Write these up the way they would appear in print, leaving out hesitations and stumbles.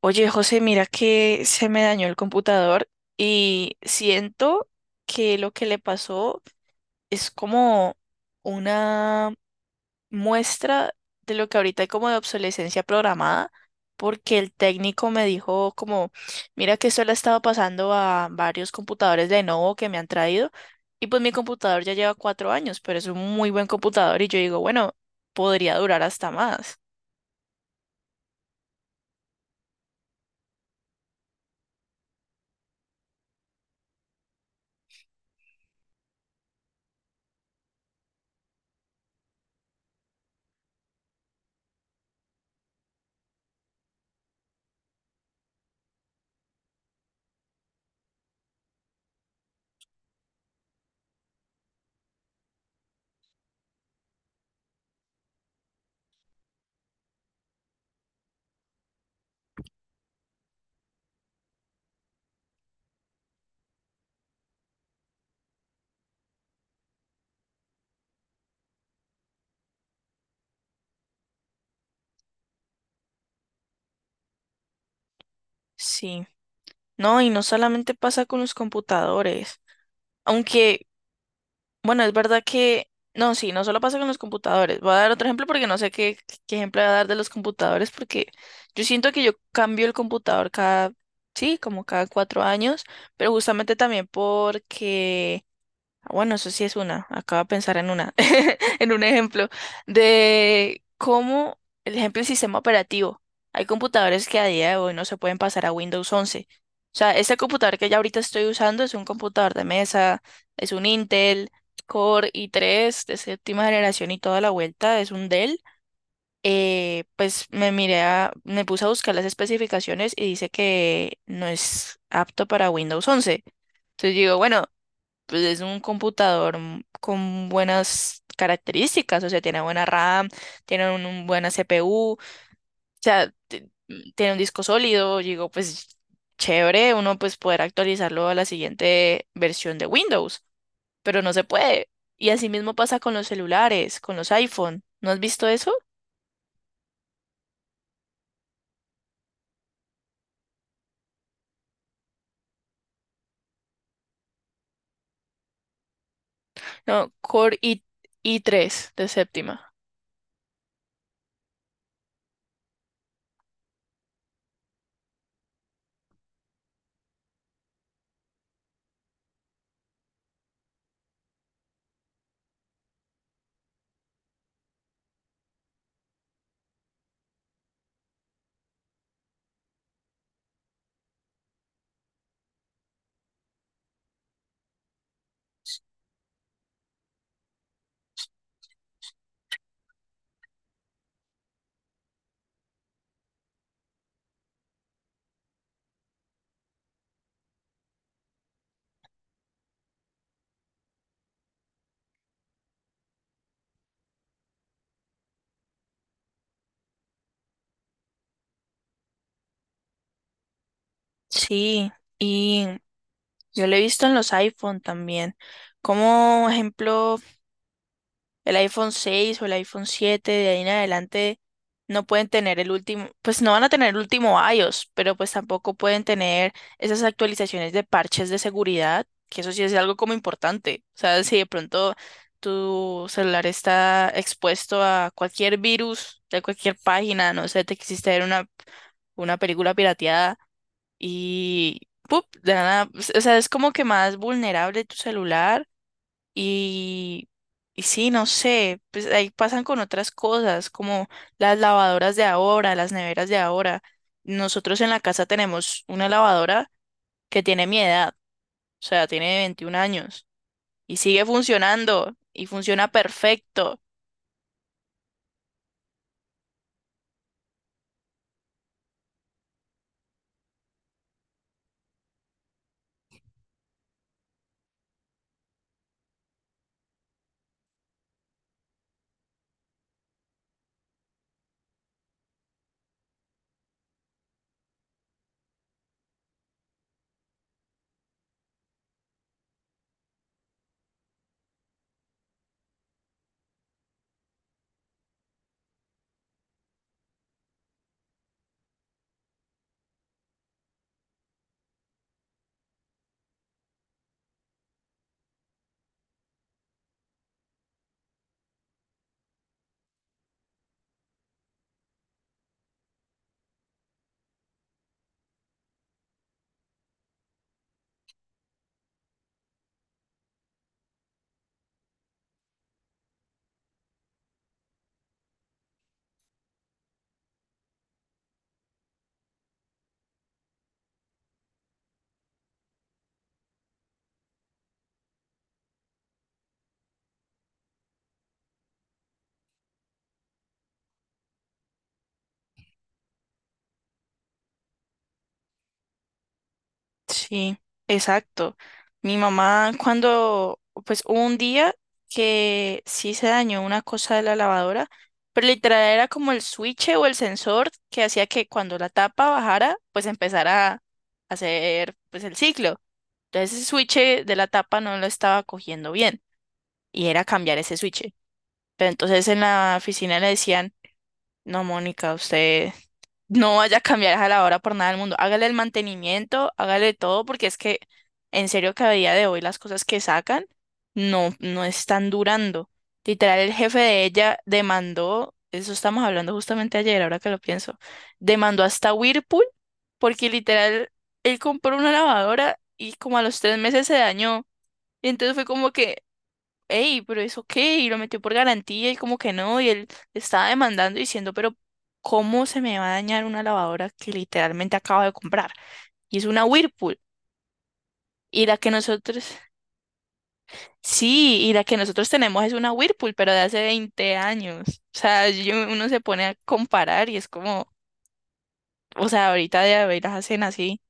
Oye, José, mira que se me dañó el computador y siento que lo que le pasó es como una muestra de lo que ahorita hay como de obsolescencia programada, porque el técnico me dijo como, mira que esto le ha estado pasando a varios computadores de Lenovo que me han traído y pues mi computador ya lleva 4 años, pero es un muy buen computador y yo digo, bueno, podría durar hasta más. Sí, no, y no solamente pasa con los computadores. Aunque, bueno, es verdad que, no, sí, no solo pasa con los computadores. Voy a dar otro ejemplo porque no sé qué ejemplo voy a dar de los computadores, porque yo siento que yo cambio el computador cada, sí, como cada 4 años, pero justamente también porque. Ah, bueno, eso sí es una. Acabo de pensar en una, en un ejemplo de cómo, el ejemplo del sistema operativo. Hay computadores que a día de hoy no se pueden pasar a Windows 11. O sea, este computador que ya ahorita estoy usando es un computador de mesa, es un Intel Core i3 de séptima generación y toda la vuelta, es un Dell. Pues me puse a buscar las especificaciones y dice que no es apto para Windows 11. Entonces digo, bueno, pues es un computador con buenas características, o sea, tiene buena RAM, tiene un buena CPU, o sea, tiene un disco sólido, digo, pues chévere, uno pues poder actualizarlo a la siguiente versión de Windows, pero no se puede. Y así mismo pasa con los celulares, con los iPhone. ¿No has visto eso? No, Core i i3 de séptima. Sí, y yo lo he visto en los iPhone también. Como ejemplo. El iPhone 6 o el iPhone 7 de ahí en adelante no pueden tener el último, pues no van a tener el último iOS, pero pues tampoco pueden tener esas actualizaciones de parches de seguridad, que eso sí es algo como importante. O sea, si de pronto tu celular está expuesto a cualquier virus de cualquier página, no sé, te quisiste ver una película pirateada y ¡pup!, de la nada, o sea, es como que más vulnerable tu celular y, y sí, no sé, pues ahí pasan con otras cosas, como las lavadoras de ahora, las neveras de ahora. Nosotros en la casa tenemos una lavadora que tiene mi edad, o sea, tiene 21 años y sigue funcionando y funciona perfecto. Sí, exacto. Mi mamá, cuando, pues hubo un día que sí se dañó una cosa de la lavadora, pero literal era como el switch o el sensor que hacía que cuando la tapa bajara, pues empezara a hacer pues el ciclo. Entonces ese switch de la tapa no lo estaba cogiendo bien y era cambiar ese switch. Pero entonces en la oficina le decían, no, Mónica, usted no vaya a cambiar a la lavadora por nada del mundo. Hágale el mantenimiento, hágale todo, porque es que en serio que a día de hoy las cosas que sacan no, no están durando. Literal, el jefe de ella demandó, eso estamos hablando justamente ayer, ahora que lo pienso, demandó hasta Whirlpool, porque literal, él compró una lavadora y como a los 3 meses se dañó. Y entonces fue como que, ey, pero eso qué, y lo metió por garantía y como que no, y él estaba demandando diciendo, pero ¿cómo se me va a dañar una lavadora que literalmente acabo de comprar? Y es una Whirlpool, y la que nosotros, sí, y la que nosotros tenemos es una Whirlpool, pero de hace 20 años. O sea, uno se pone a comparar y es como, o sea, ahorita de haber las hacen así.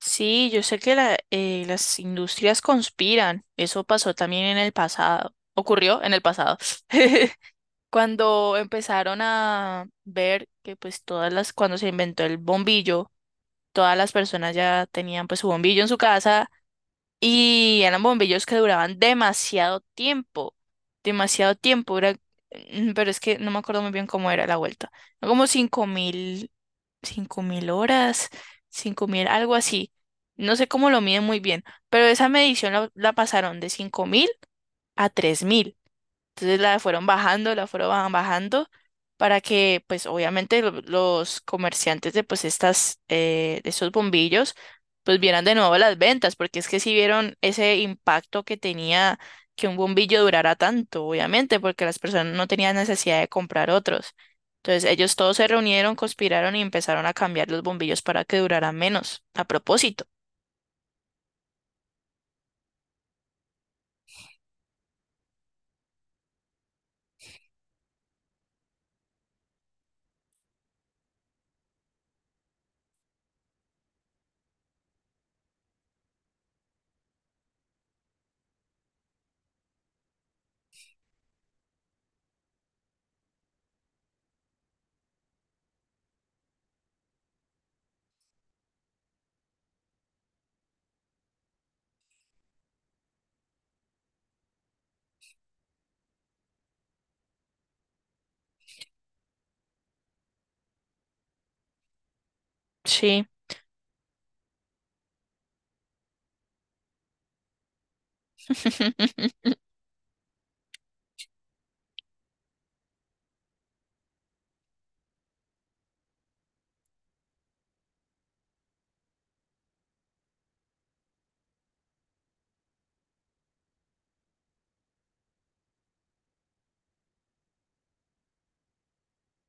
Sí, yo sé que las industrias conspiran, eso pasó también en el pasado, ocurrió en el pasado. Cuando empezaron a ver que pues cuando se inventó el bombillo, todas las personas ya tenían pues su bombillo en su casa y eran bombillos que duraban demasiado tiempo, era, pero es que no me acuerdo muy bien cómo era la vuelta, como 5.000, 5.000 horas, 5.000, algo así, no sé cómo lo miden muy bien, pero esa medición la pasaron de 5.000 a 3.000, entonces la fueron bajando, la fueron bajando para que pues obviamente los comerciantes de pues de esos bombillos pues vieran de nuevo las ventas, porque es que si vieron ese impacto que tenía que un bombillo durara tanto, obviamente, porque las personas no tenían necesidad de comprar otros. Entonces ellos todos se reunieron, conspiraron y empezaron a cambiar los bombillos para que duraran menos, a propósito. Sí.